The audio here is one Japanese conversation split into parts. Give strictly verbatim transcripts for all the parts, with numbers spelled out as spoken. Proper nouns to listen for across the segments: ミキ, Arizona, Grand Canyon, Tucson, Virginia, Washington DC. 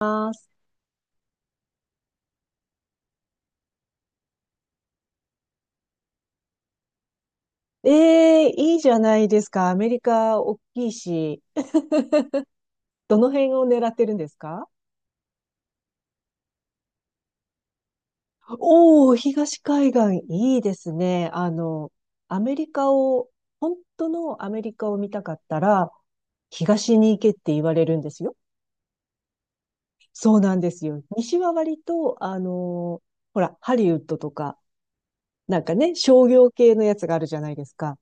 ます。ええ、いいじゃないですか。アメリカ大きいし、どの辺を狙ってるんですか？おおー、東海岸、いいですね。あの、アメリカを、本当のアメリカを見たかったら、東に行けって言われるんですよ。そうなんですよ。西は割と、あのほら、ハリウッドとか、なんかね、商業系のやつがあるじゃないですか。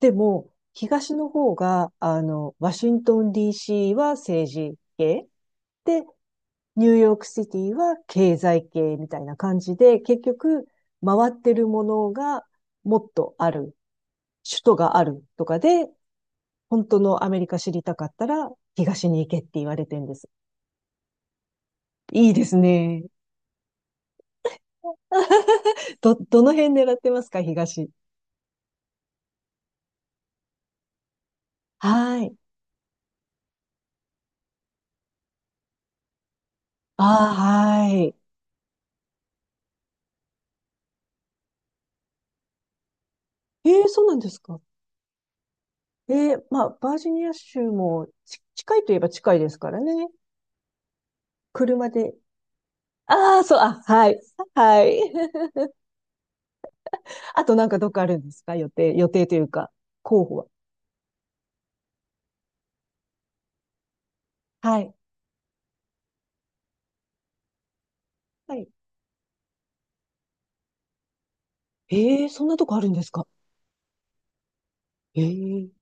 でも、東の方が、あの、ワシントン ディーシー は政治系。で、ニューヨークシティは経済系みたいな感じで、結局回ってるものがもっとある、首都があるとかで、本当のアメリカ知りたかったら東に行けって言われてるんです。いいですね。ど、どの辺狙ってますか、東。はい。ああ、はい。ええ、そうなんですか。ええ、まあ、バージニア州もち近いといえば近いですからね。車で。ああ、そう、あ、はい。はい。あとなんかどっかあるんですか、予定、予定というか、候補は。はい。はい。ええ、そんなとこあるんですか？ええ。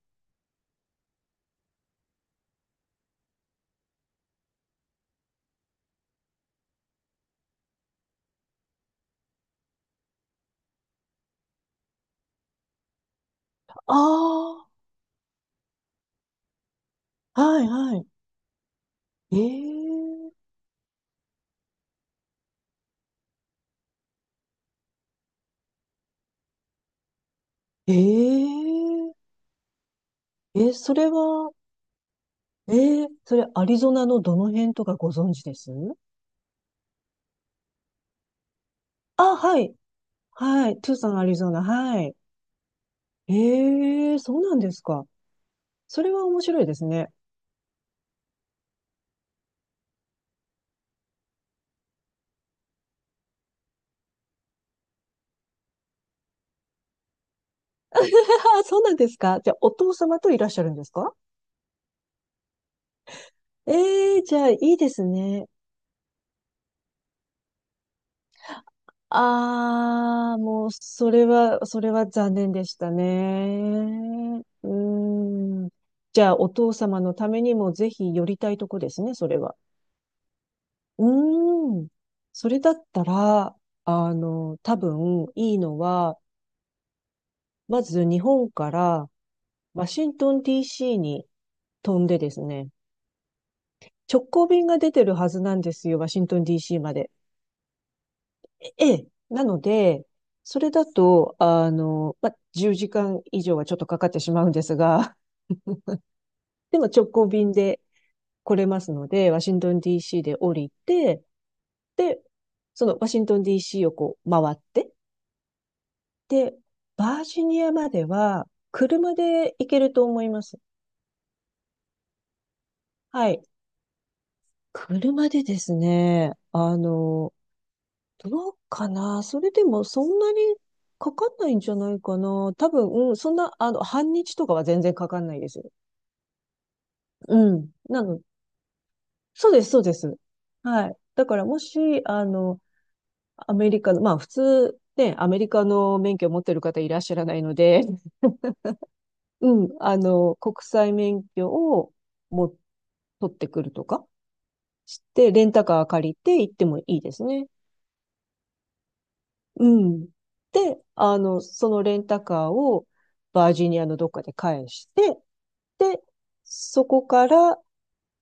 ああ、はい、はい。えええ。ええ、それは、ええ、それアリゾナのどの辺とかご存知です？あ、はい。はい。トゥーサン、アリゾナ。はい。ええ、そうなんですか。それは面白いですね。あ、そうなんですか。じゃあ、お父様といらっしゃるんですか？ええ、じゃあ、いいですね。ああ、もう、それは、それは残念でしたね。うーん。じゃあ、お父様のためにもぜひ寄りたいとこですね、それは。うーん。それだったら、あの、多分、いいのは、まず日本からワシントン ディーシー に飛んでですね、直行便が出てるはずなんですよ、ワシントン ディーシー まで。ええ、なので、それだと、あの、まあ、じゅうじかん以上はちょっとかかってしまうんですが、でも直行便で来れますので、ワシントン ディーシー で降りて、で、そのワシントン ディーシー をこう回って、で、バージニアまでは車で行けると思います。はい。車でですね、あの、どうかな、それでもそんなにかかんないんじゃないかな。多分、うん、そんな、あの、半日とかは全然かかんないです。うん。なの、そうです、そうです。はい。だからもし、あの、アメリカの、まあ普通、ね、アメリカの免許を持ってる方いらっしゃらないので、うん、あの、国際免許をも、取ってくるとかして、レンタカー借りて行ってもいいですね。うん。で、あの、そのレンタカーをバージニアのどっかで返して、で、そこから、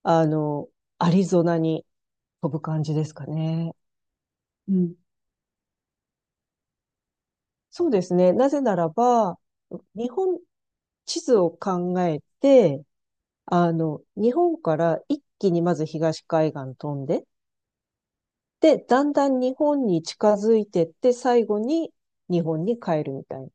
あの、アリゾナに飛ぶ感じですかね。うん、そうですね。なぜならば、日本地図を考えて、あの、日本から一気にまず東海岸飛んで、で、だんだん日本に近づいてって、最後に日本に帰るみたいな。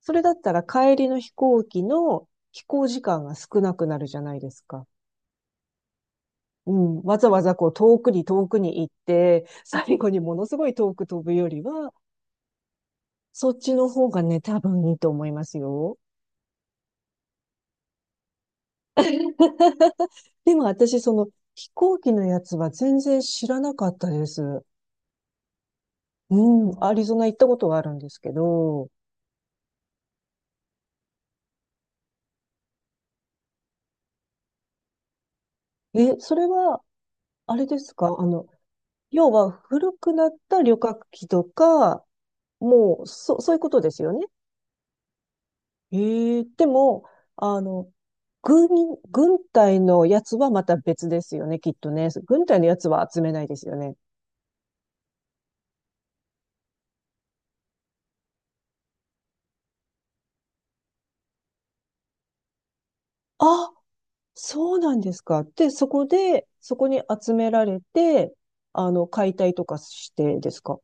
それだったら帰りの飛行機の飛行時間が少なくなるじゃないですか。うん。わざわざこう遠くに遠くに行って、最後にものすごい遠く飛ぶよりは、そっちの方がね、多分いいと思いますよ。でも私、その飛行機のやつは全然知らなかったです。うん、アリゾナ行ったことはあるんですけど、え、それは、あれですか、あの、要は古くなった旅客機とか、もう、そ、そういうことですよね。ええ、でも、あの、軍、軍隊のやつはまた別ですよね、きっとね。軍隊のやつは集めないですよね。あ、そうなんですか。で、そこで、そこに集められて、あの、解体とかしてですか。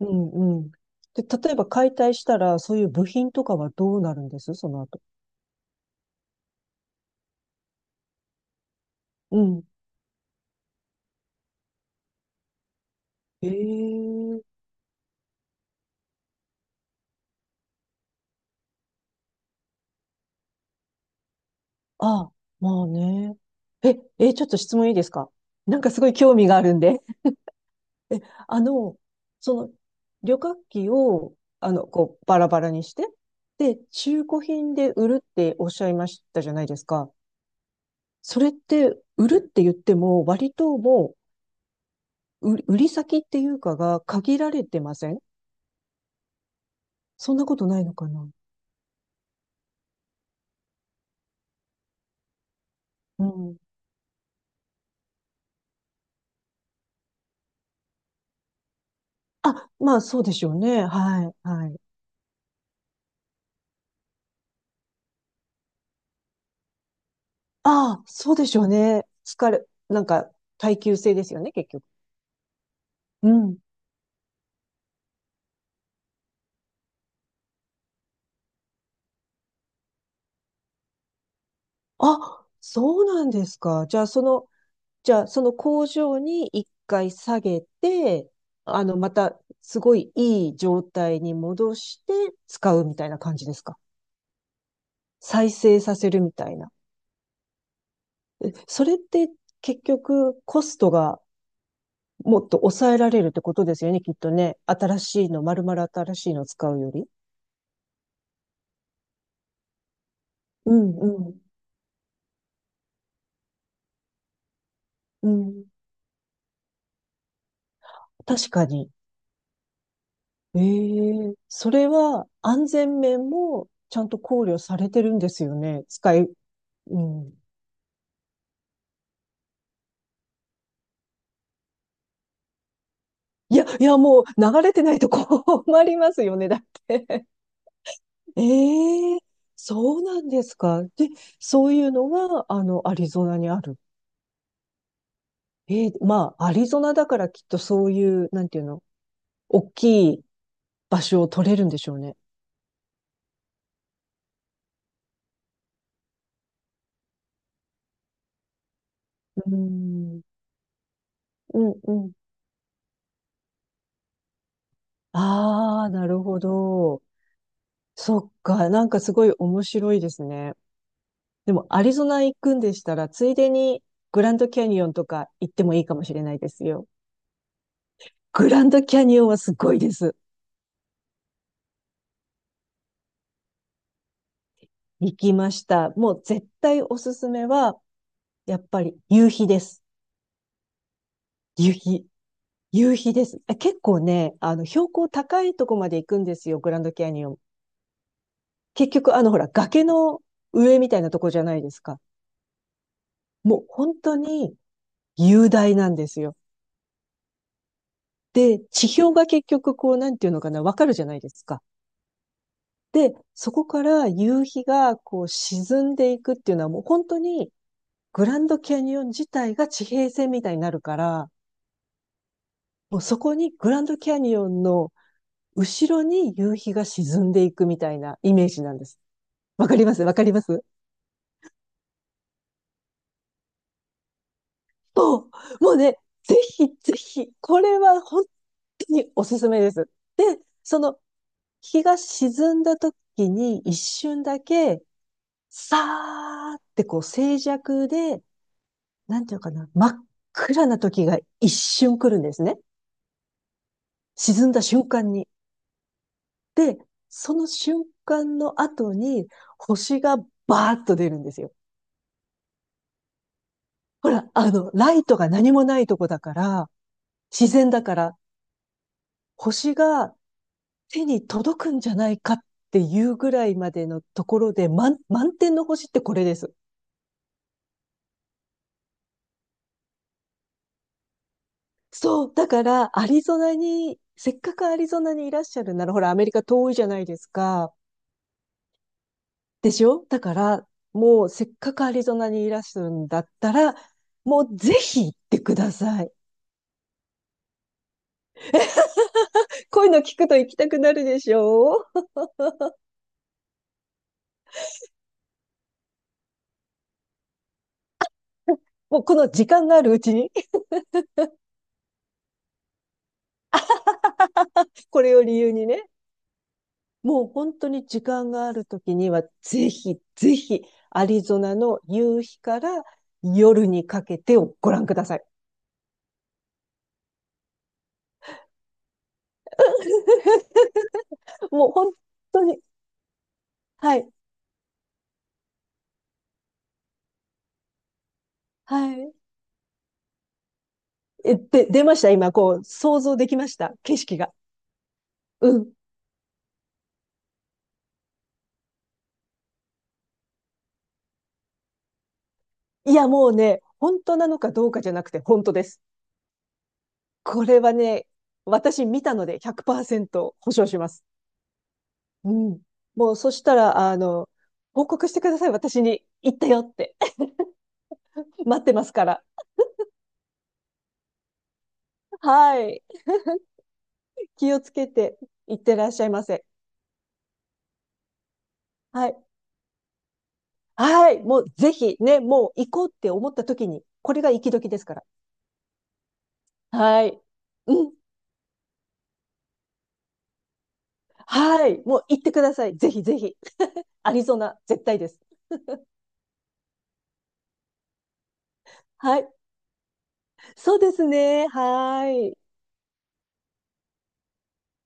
うんうん。で、例えば解体したら、そういう部品とかはどうなるんですその後。うん。ええ、あ、まあね。え、え、ちょっと質問いいですか？なんかすごい興味があるんで。え、あの、その、旅客機を、あの、こう、バラバラにして、で、中古品で売るっておっしゃいましたじゃないですか。それって売るって言っても、割ともう、売売り先っていうかが限られてません？そんなことないのかな。うん。あ、まあそうでしょうね。はい、はい。ああ、そうでしょうね。疲れ、なんか耐久性ですよね、結局。うん。あ、そうなんですか。じゃあその、じゃあその工場に一回下げて、あの、またすごいいい状態に戻して使うみたいな感じですか。再生させるみたいな。え、それって結局コストがもっと抑えられるってことですよね、きっとね。新しいの、丸々新しいのを使うより。うんうんうん。確かに。ええ、それは安全面もちゃんと考慮されてるんですよね。使い、うん。いや、いや、もう流れてないと困りますよね、だって。ええ、そうなんですか。で、そういうのは、あの、アリゾナにある。えーまあ、アリゾナだからきっとそういう、なんていうの、大きい場所を取れるんでしょうね。うーん、うん、うん。ああ、なるほど。そっか、なんかすごい面白いですね。でも、アリゾナ行くんでしたら、ついでにグランドキャニオンとか行ってもいいかもしれないですよ。グランドキャニオンはすごいです。行きました。もう絶対おすすめは、やっぱり夕日です。夕日。夕日です。え、結構ね、あの、標高高いとこまで行くんですよ、グランドキャニオン。結局、あの、ほら、崖の上みたいなとこじゃないですか。もう本当に雄大なんですよ。で、地表が結局、こう、なんていうのかな、わかるじゃないですか。で、そこから夕日が、こう、沈んでいくっていうのは、もう本当に、グランドキャニオン自体が地平線みたいになるから、もうそこにグランドキャニオンの後ろに夕日が沈んでいくみたいなイメージなんです。わかります、わかります。そう、もうね、ぜひぜひ、これは本当におすすめです。で、その日が沈んだ時に一瞬だけ、さーってこう静寂で、なんていうかな、真っ暗な時が一瞬来るんですね。沈んだ瞬間に。で、その瞬間の後に星がバーッと出るんですよ。ほら、あの、ライトが何もないとこだから、自然だから、星が手に届くんじゃないかっていうぐらいまでのところで、満、満点の星ってこれです。そう、だから、アリゾナに、せっかくアリゾナにいらっしゃるなら、ほら、アメリカ遠いじゃないですか。でしょ、だから、もう、せっかくアリゾナにいらっしゃるんだったら、もうぜひ行ってください。こういうの聞くと行きたくなるでしょう？もうこの時間があるうちに、これを理由にね。もう本当に時間があるときには、ぜひ、ぜひ、アリゾナの夕日から夜にかけてをご覧ください。もう本当に、はい、はい。え、で、出ました今、こう、想像できました景色が。うん。いや、もうね、本当なのかどうかじゃなくて、本当です。これはね、私見たのでひゃくパーセント保証します。うん。もう、そしたら、あの、報告してください。私に行ったよって。待ってますから。はい。気をつけていってらっしゃいませ。はい。はい。もうぜひね、もう行こうって思った時に、これが行き時ですから。はい。うん。はい。もう行ってください。ぜひぜひ。アリゾナ、絶対です。はい。そうですね。はい。